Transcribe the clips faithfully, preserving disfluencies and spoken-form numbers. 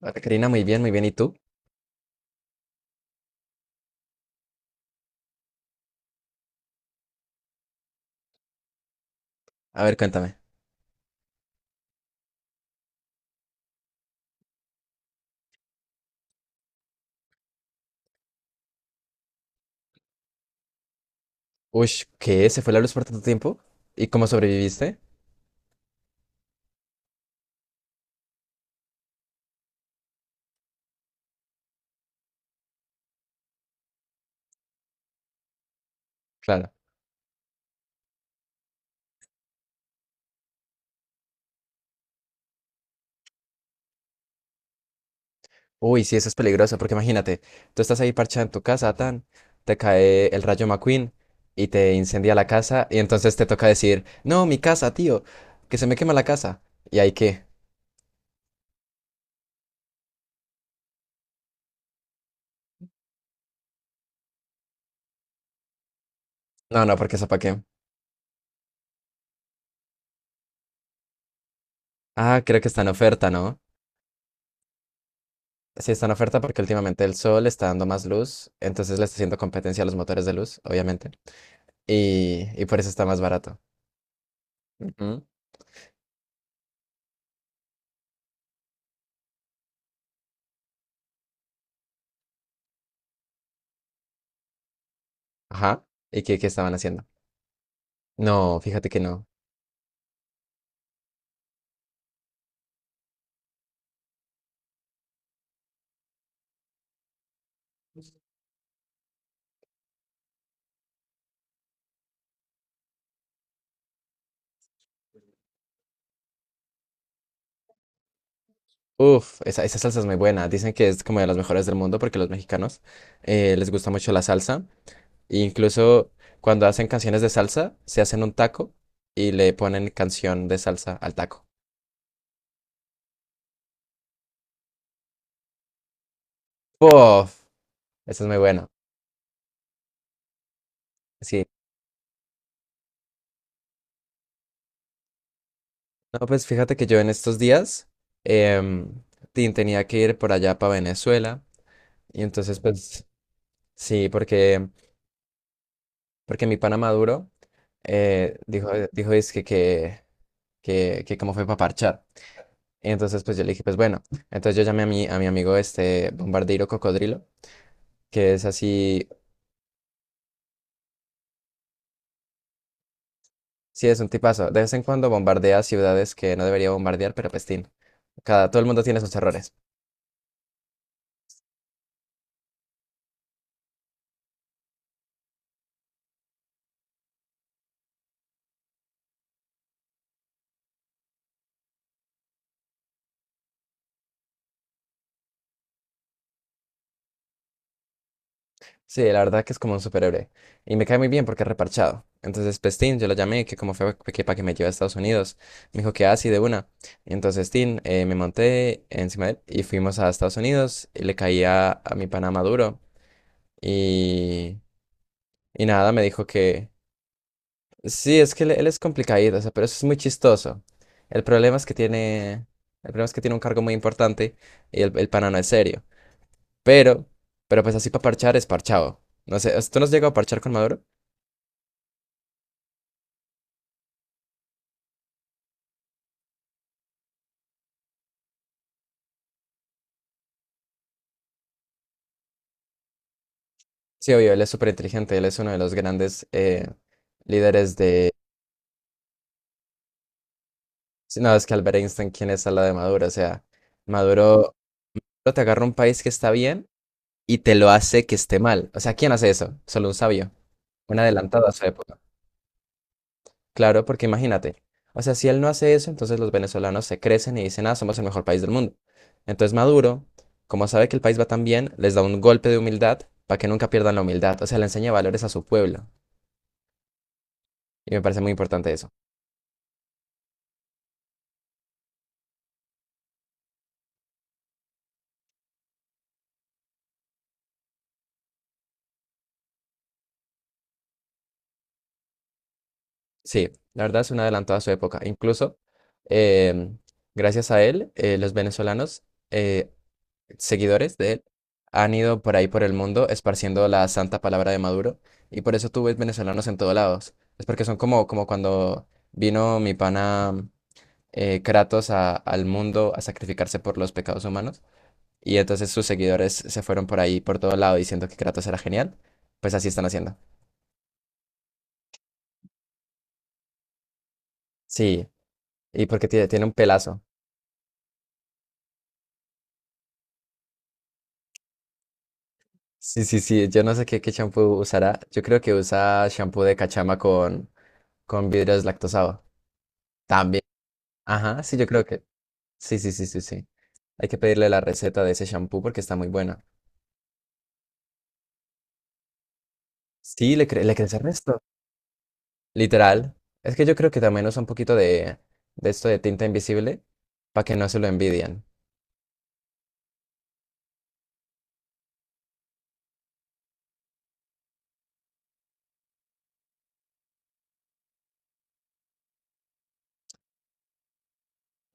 Hola, Karina, muy bien, muy bien. ¿Y tú? A ver, cuéntame. Uy, ¿qué? ¿Se fue la luz por tanto tiempo? ¿Y cómo sobreviviste? Claro. Uy, sí, eso es peligroso, porque imagínate, tú estás ahí parchada en tu casa, tan, te cae el rayo McQueen y te incendia la casa, y entonces te toca decir, no, mi casa, tío, que se me quema la casa. ¿Y ahí qué? No, no, porque eso para qué. Ah, creo que está en oferta, ¿no? Sí, está en oferta porque últimamente el sol está dando más luz, entonces le está haciendo competencia a los motores de luz, obviamente, y, y por eso está más barato. Ujú. Ajá. ¿Y qué, qué estaban haciendo? No, fíjate que no. Uf, esa, esa salsa es muy buena. Dicen que es como de las mejores del mundo porque los mexicanos eh, les gusta mucho la salsa. E incluso cuando hacen canciones de salsa, se hacen un taco y le ponen canción de salsa al taco. Uf, esa es muy buena. Sí. No, pues fíjate que yo en estos días em, tin- tenía que ir por allá para Venezuela. Y entonces, pues, sí, porque, porque mi pana Maduro eh, dijo, dijo, es que, que que, que como fue para parchar. Entonces, pues yo le dije, pues bueno, entonces yo llamé a mi, a mi amigo este Bombardeiro Cocodrilo, que es así, sí, es un tipazo. De vez en cuando bombardea ciudades que no debería bombardear, pero pestín. Cada, todo el mundo tiene sus errores. Sí, la verdad que es como un superhéroe. Y me cae muy bien porque es reparchado. Entonces, pestín, yo lo llamé, que como fue que para que me lleve a Estados Unidos. Me dijo que así de una. Y entonces, Tin, eh, me monté encima de él y fuimos a Estados Unidos. Y le caía a a mi pana Maduro. Y y nada, me dijo que sí, es que él, él es complicadito, o sea, pero eso es muy chistoso. El problema es que tiene, el problema es que tiene un cargo muy importante y el, el pana no es serio. Pero, pero pues así para parchar es parchado. No sé, ¿tú no has llegado a parchar con Maduro? Sí, obvio, él es súper inteligente, él es uno de los grandes eh, líderes de... Sí, no, es que Albert Einstein, ¿quién es al lado de Maduro? O sea, Maduro Maduro te agarra un país que está bien y te lo hace que esté mal. O sea, ¿quién hace eso? Solo un sabio, un adelantado a su época. Claro, porque imagínate, o sea, si él no hace eso, entonces los venezolanos se crecen y dicen, ah, somos el mejor país del mundo. Entonces Maduro, como sabe que el país va tan bien, les da un golpe de humildad para que nunca pierdan la humildad, o sea, le enseña valores a su pueblo. Y me parece muy importante eso. Sí, la verdad es un adelantado a su época. Incluso, em, gracias a él, eh, los venezolanos eh, seguidores de él han ido por ahí por el mundo esparciendo la santa palabra de Maduro y por eso tú ves venezolanos en todos lados. Es porque son como, como cuando vino mi pana eh, Kratos a- al mundo a sacrificarse por los pecados humanos y entonces sus seguidores se fueron por ahí por todo lado diciendo que Kratos era genial. Pues así están haciendo. Sí, y porque tiene, tiene un pelazo. Sí, sí, sí, yo no sé qué, qué champú usará. Yo creo que usa champú de cachama con, con vidrio deslactosado. También. Ajá, sí, yo creo que. Sí, sí, sí, sí, sí. Hay que pedirle la receta de ese shampoo porque está muy buena. Sí, le, cre- le crece el resto. Literal. Es que yo creo que también usa un poquito de, de esto de tinta invisible para que no se lo envidian.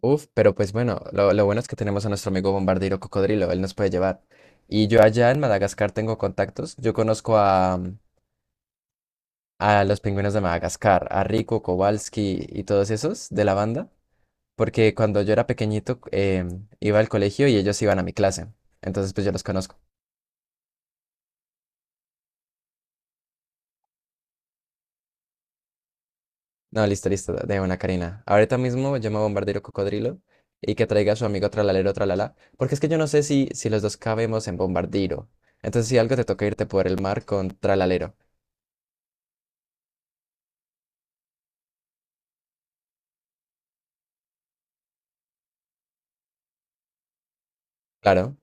Uf, pero pues bueno, lo, lo bueno es que tenemos a nuestro amigo bombardero cocodrilo, él nos puede llevar. Y yo allá en Madagascar tengo contactos. Yo conozco a, a los pingüinos de Madagascar, a Rico, Kowalski y todos esos de la banda. Porque cuando yo era pequeñito em, iba al colegio y ellos iban a mi clase. Entonces, pues yo los conozco. No, listo, listo, de una, Karina. Ahorita mismo llamo a Bombardero Cocodrilo y que traiga a su amigo Tralalero Tralala, porque es que yo no sé si, si los dos cabemos en Bombardero. Entonces, si algo te toca irte por el mar con Tralalero. Claro,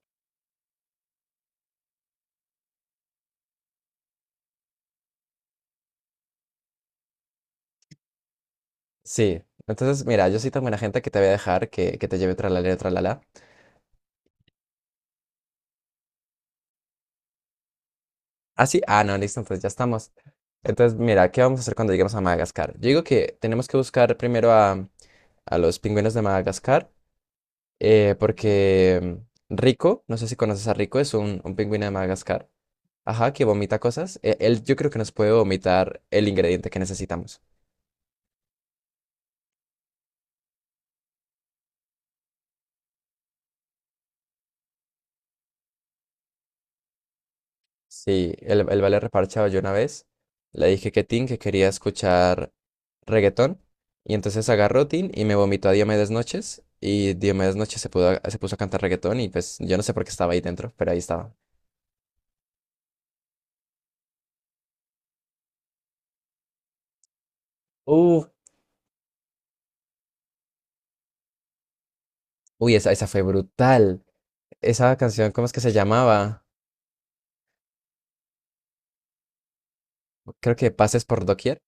sí. Entonces, mira, yo soy tan buena gente que te voy a dejar que, que te lleve Tralalero Tralala. Ah, sí, ah, no, listo, entonces ya estamos. Entonces, mira, ¿qué vamos a hacer cuando lleguemos a Madagascar? Yo digo que tenemos que buscar primero a, a los pingüinos de Madagascar, eh, porque mm, Rico, no sé si conoces a Rico, es un, un pingüino de Madagascar, ajá, que vomita cosas. Eh, él yo creo que nos puede vomitar el ingrediente que necesitamos. Sí, el, el vale reparchado yo una vez, le dije que Tin, que quería escuchar reggaetón, y entonces agarró Tin y me vomitó a Diomedes Noches, y Diomedes Noches se pudo, a- se puso a cantar reggaetón, y pues yo no sé por qué estaba ahí dentro, pero ahí estaba. Uf, uy, esa, esa fue brutal. Esa canción, ¿cómo es que se llamaba? Creo que Pases por Doquier,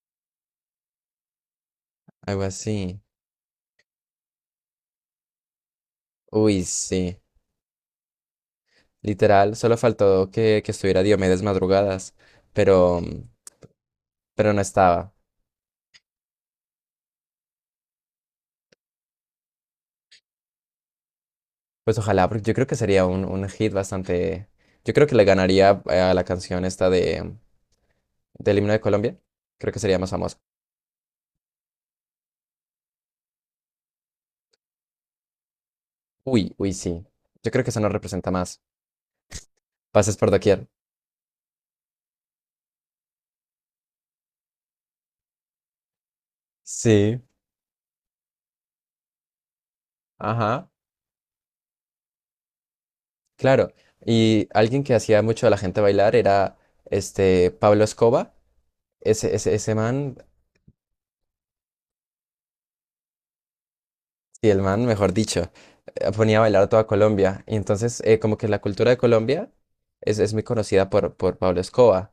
algo así. Uy, sí. Literal, solo faltó que, que estuviera Diomedes Madrugadas, pero, pero no estaba. Pues ojalá, porque yo creo que sería un, un hit bastante. Yo creo que le ganaría a la canción esta de, del himno de Colombia. Creo que sería más famosa. Uy, uy, sí. Yo creo que eso nos representa más. Pases por Doquier. Sí. Ajá. Claro, y alguien que hacía mucho a la gente bailar era este Pablo Escoba, ese, ese, ese man, y el man, mejor dicho, eh, ponía a bailar a toda Colombia. Y entonces, eh, como que la cultura de Colombia es, es muy conocida por, por Pablo Escoba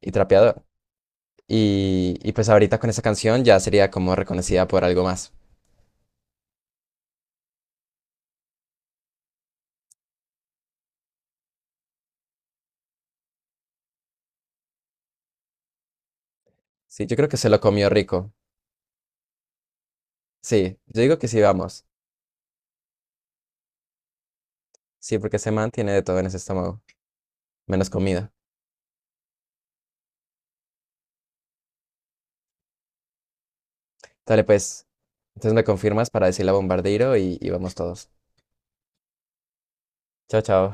y Trapeador. Y, y pues ahorita con esa canción ya sería como reconocida por algo más. Sí, yo creo que se lo comió rico. Sí, yo digo que sí, vamos. Sí, porque ese man tiene de todo en ese estómago, menos comida. Dale, pues. Entonces me confirmas para decirle a Bombardeiro y, y vamos todos. Chao, chao.